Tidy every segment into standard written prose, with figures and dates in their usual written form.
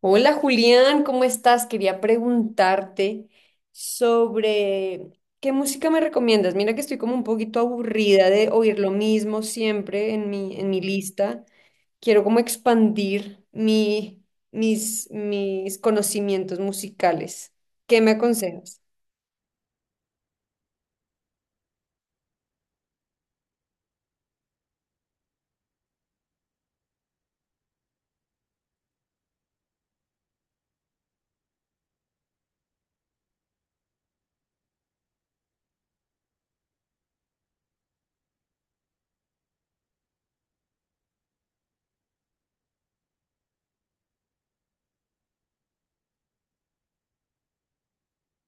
Hola Julián, ¿cómo estás? Quería preguntarte sobre qué música me recomiendas. Mira que estoy como un poquito aburrida de oír lo mismo siempre en mi lista. Quiero como expandir mis conocimientos musicales. ¿Qué me aconsejas?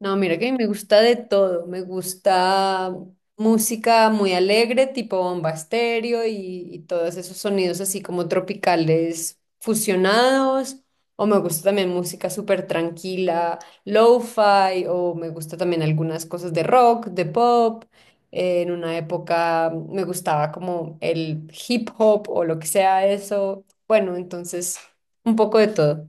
No, mira que me gusta de todo. Me gusta música muy alegre, tipo bomba estéreo y todos esos sonidos así como tropicales fusionados. O me gusta también música súper tranquila, lo-fi, o me gusta también algunas cosas de rock, de pop. En una época me gustaba como el hip hop o lo que sea eso. Bueno, entonces un poco de todo.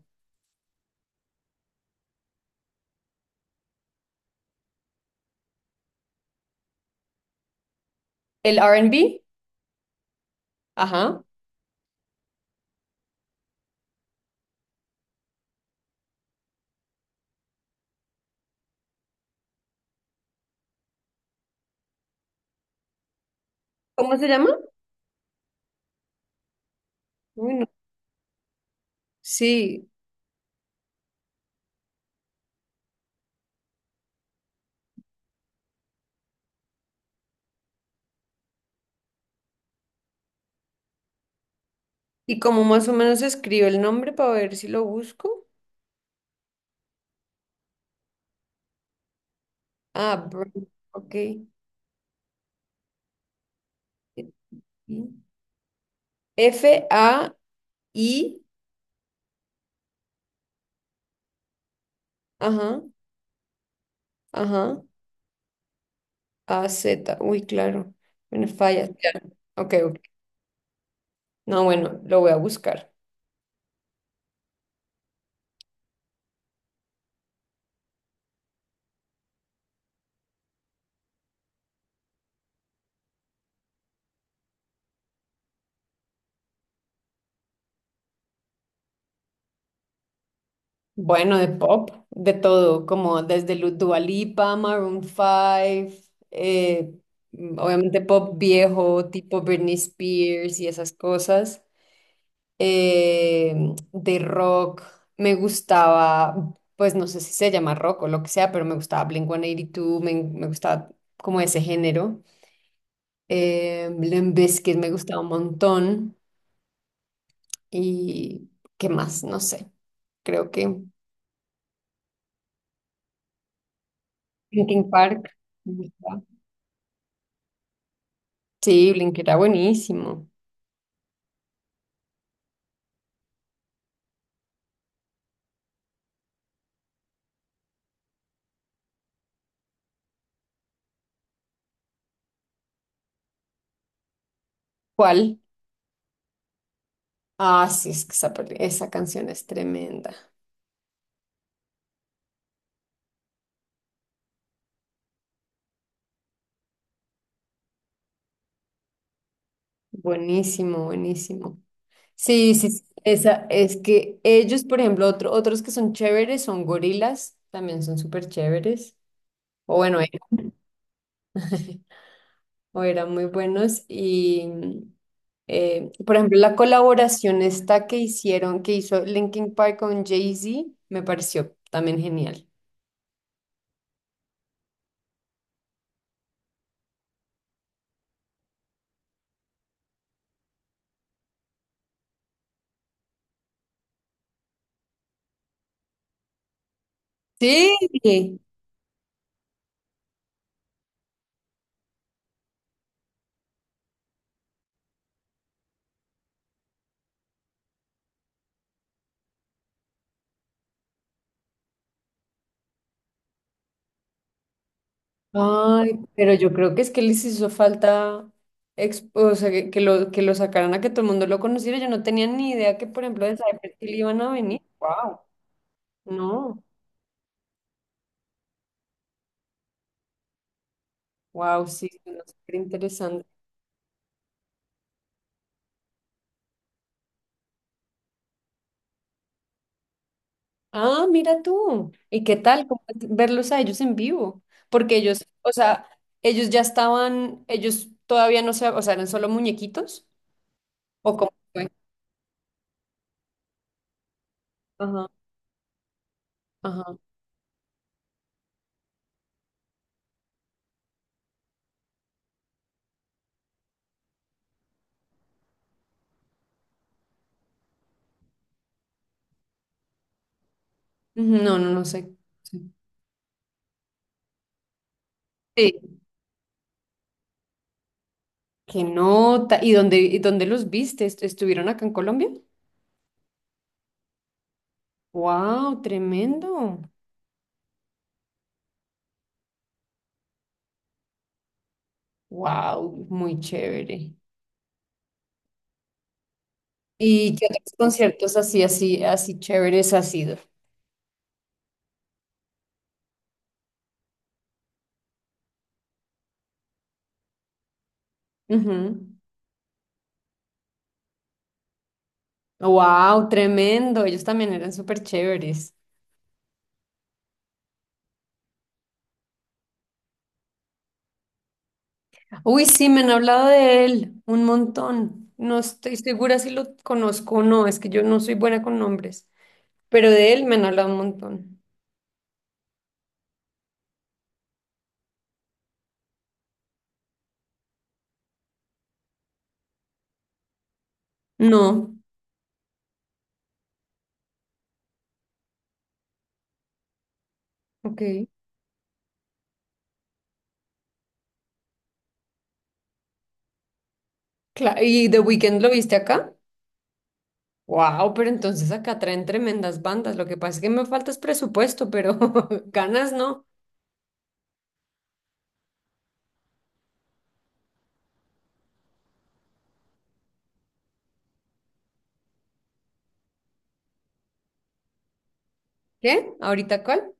El R&B, ajá. ¿Cómo se llama? Uy, sí, y como más o menos escribo el nombre para ver si lo busco. Ah, Brain, ok. F-A-I, ajá, ajá, A-Z. Uy, claro. Bueno, falla. Claro. Ok, ok. No, bueno, lo voy a buscar. Bueno, de pop, de todo, como desde Dua Lipa, Maroon 5, eh, obviamente pop viejo, tipo Britney Spears y esas cosas. eh, de rock. Me gustaba, pues no sé si se llama rock o lo que sea, pero me gustaba Blink-182, me gustaba como ese género. Limp Bizkit me gustaba un montón. ¿Y qué más? No sé. Creo que Linkin Park me gustaba. Sí, Blink era buenísimo. ¿Cuál? Ah, sí, es que esa, esa canción es tremenda. Buenísimo, buenísimo. Sí, sí, sí, esa, es que ellos, por ejemplo, otros que son chéveres son gorilas, también son súper chéveres, o bueno, o eran muy buenos. Y, por ejemplo, la colaboración esta que hicieron, que hizo Linkin Park con Jay-Z, me pareció también genial. Sí, ay, pero yo creo que es que les hizo falta, o sea, que lo sacaran a que todo el mundo lo conociera. Yo no tenía ni idea que, por ejemplo, de Cypress Hill iban a venir. Wow. No, wow, sí, suena súper interesante. Ah, mira tú. ¿Y qué tal cómo es verlos a ellos en vivo? Porque ellos, o sea, ellos ya estaban, ellos todavía no se, o sea, eran solo muñequitos. ¿O cómo fue? Ajá, ajá. Ujú, no, no, no sé. Sí. Qué nota. ¿Y dónde los viste? ¿Estuvieron acá en Colombia? Wow, tremendo. Wow, muy chévere. ¿Y qué otros conciertos así, así, así chéveres has sido? Wow, tremendo. Ellos también eran súper chéveres. Uy, sí, me han hablado de él un montón. No estoy segura si lo conozco o no. Es que yo no soy buena con nombres. Pero de él me han hablado un montón. No. Ok. Claro. ¿Y The Weeknd lo viste acá? Wow, pero entonces acá traen tremendas bandas. Lo que pasa es que me falta es presupuesto, pero ganas no. ¿Qué? ¿Ahorita cuál?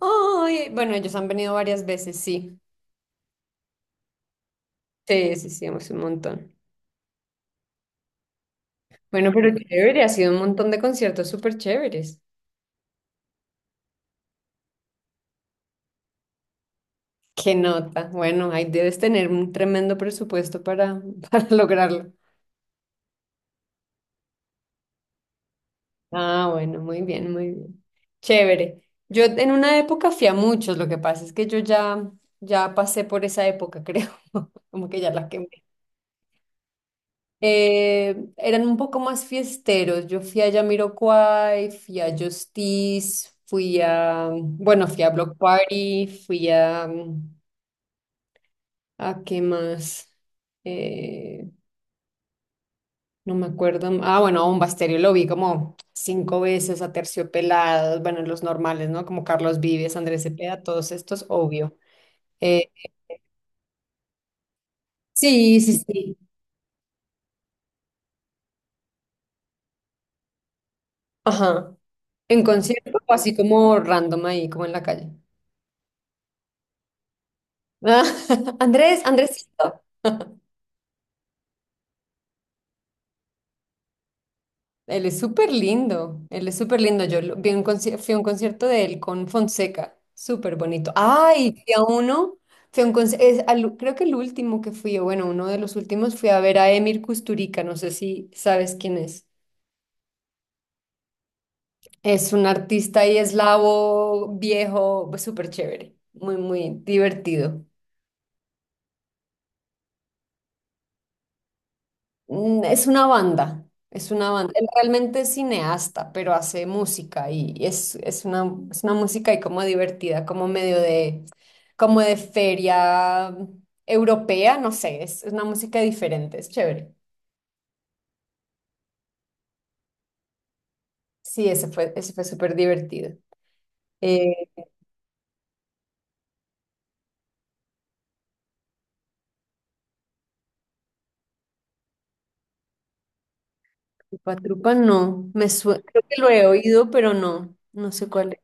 Ay, bueno, ellos han venido varias veces, sí. Sí, sí, sí, hemos ido un montón. Bueno, pero chévere, ha sido un montón de conciertos súper chéveres. Qué nota. Bueno, ahí debes tener un tremendo presupuesto para, para lograrlo. Ah, bueno, muy bien, muy bien. Chévere. Yo en una época fui a muchos, lo que pasa es que yo ya pasé por esa época, creo. Como que ya la que eran un poco más fiesteros. Yo fui a Jamiroquai, fui a Justice, fui a, bueno, fui a Block Party, fui a, ¿a qué más? Eh, no me acuerdo. Ah, bueno, a un Basterio lo vi como cinco veces, a Terciopelados, bueno, los normales, ¿no? Como Carlos Vives, Andrés Cepeda, todos estos, obvio. Eh, sí, sí, sí. Ajá. En concierto, o así como random ahí, como en la calle. Andrés, Andrés. Él es súper lindo, él es súper lindo. Yo vi un fui a un concierto de él con Fonseca, súper bonito. Ay, fui a uno, fui a un es creo que el último que fui, o bueno, uno de los últimos, fui a ver a Emir Kusturica, no sé si sabes quién es. Es un artista y eslavo, viejo, súper chévere, muy, muy divertido. Es una banda, es una banda. Él realmente es cineasta, pero hace música y es una música y como divertida, como medio de, como de feria europea, no sé, es una música diferente, es chévere. Sí, ese fue súper divertido. Eh, Trupa Trupa no, creo que lo he oído, pero no, no sé cuál es.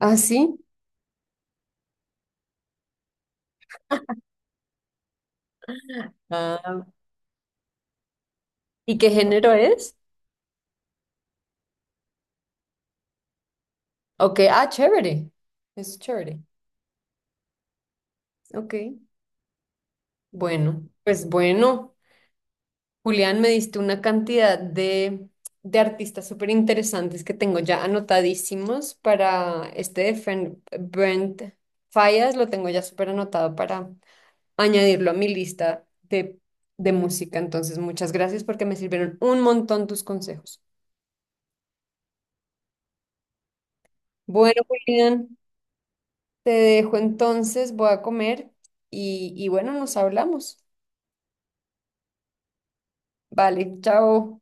Ah, sí. Ah, ¿y qué género es? Ok, ah, chévere, es chévere, ok. Bueno, pues bueno, Julián, me diste una cantidad de artistas súper interesantes que tengo ya anotadísimos para este de Brent Fallas, lo tengo ya súper anotado para añadirlo a mi lista de música. Entonces, muchas gracias porque me sirvieron un montón tus consejos. Bueno, Julián, te dejo entonces, voy a comer y bueno, nos hablamos. Vale, chao.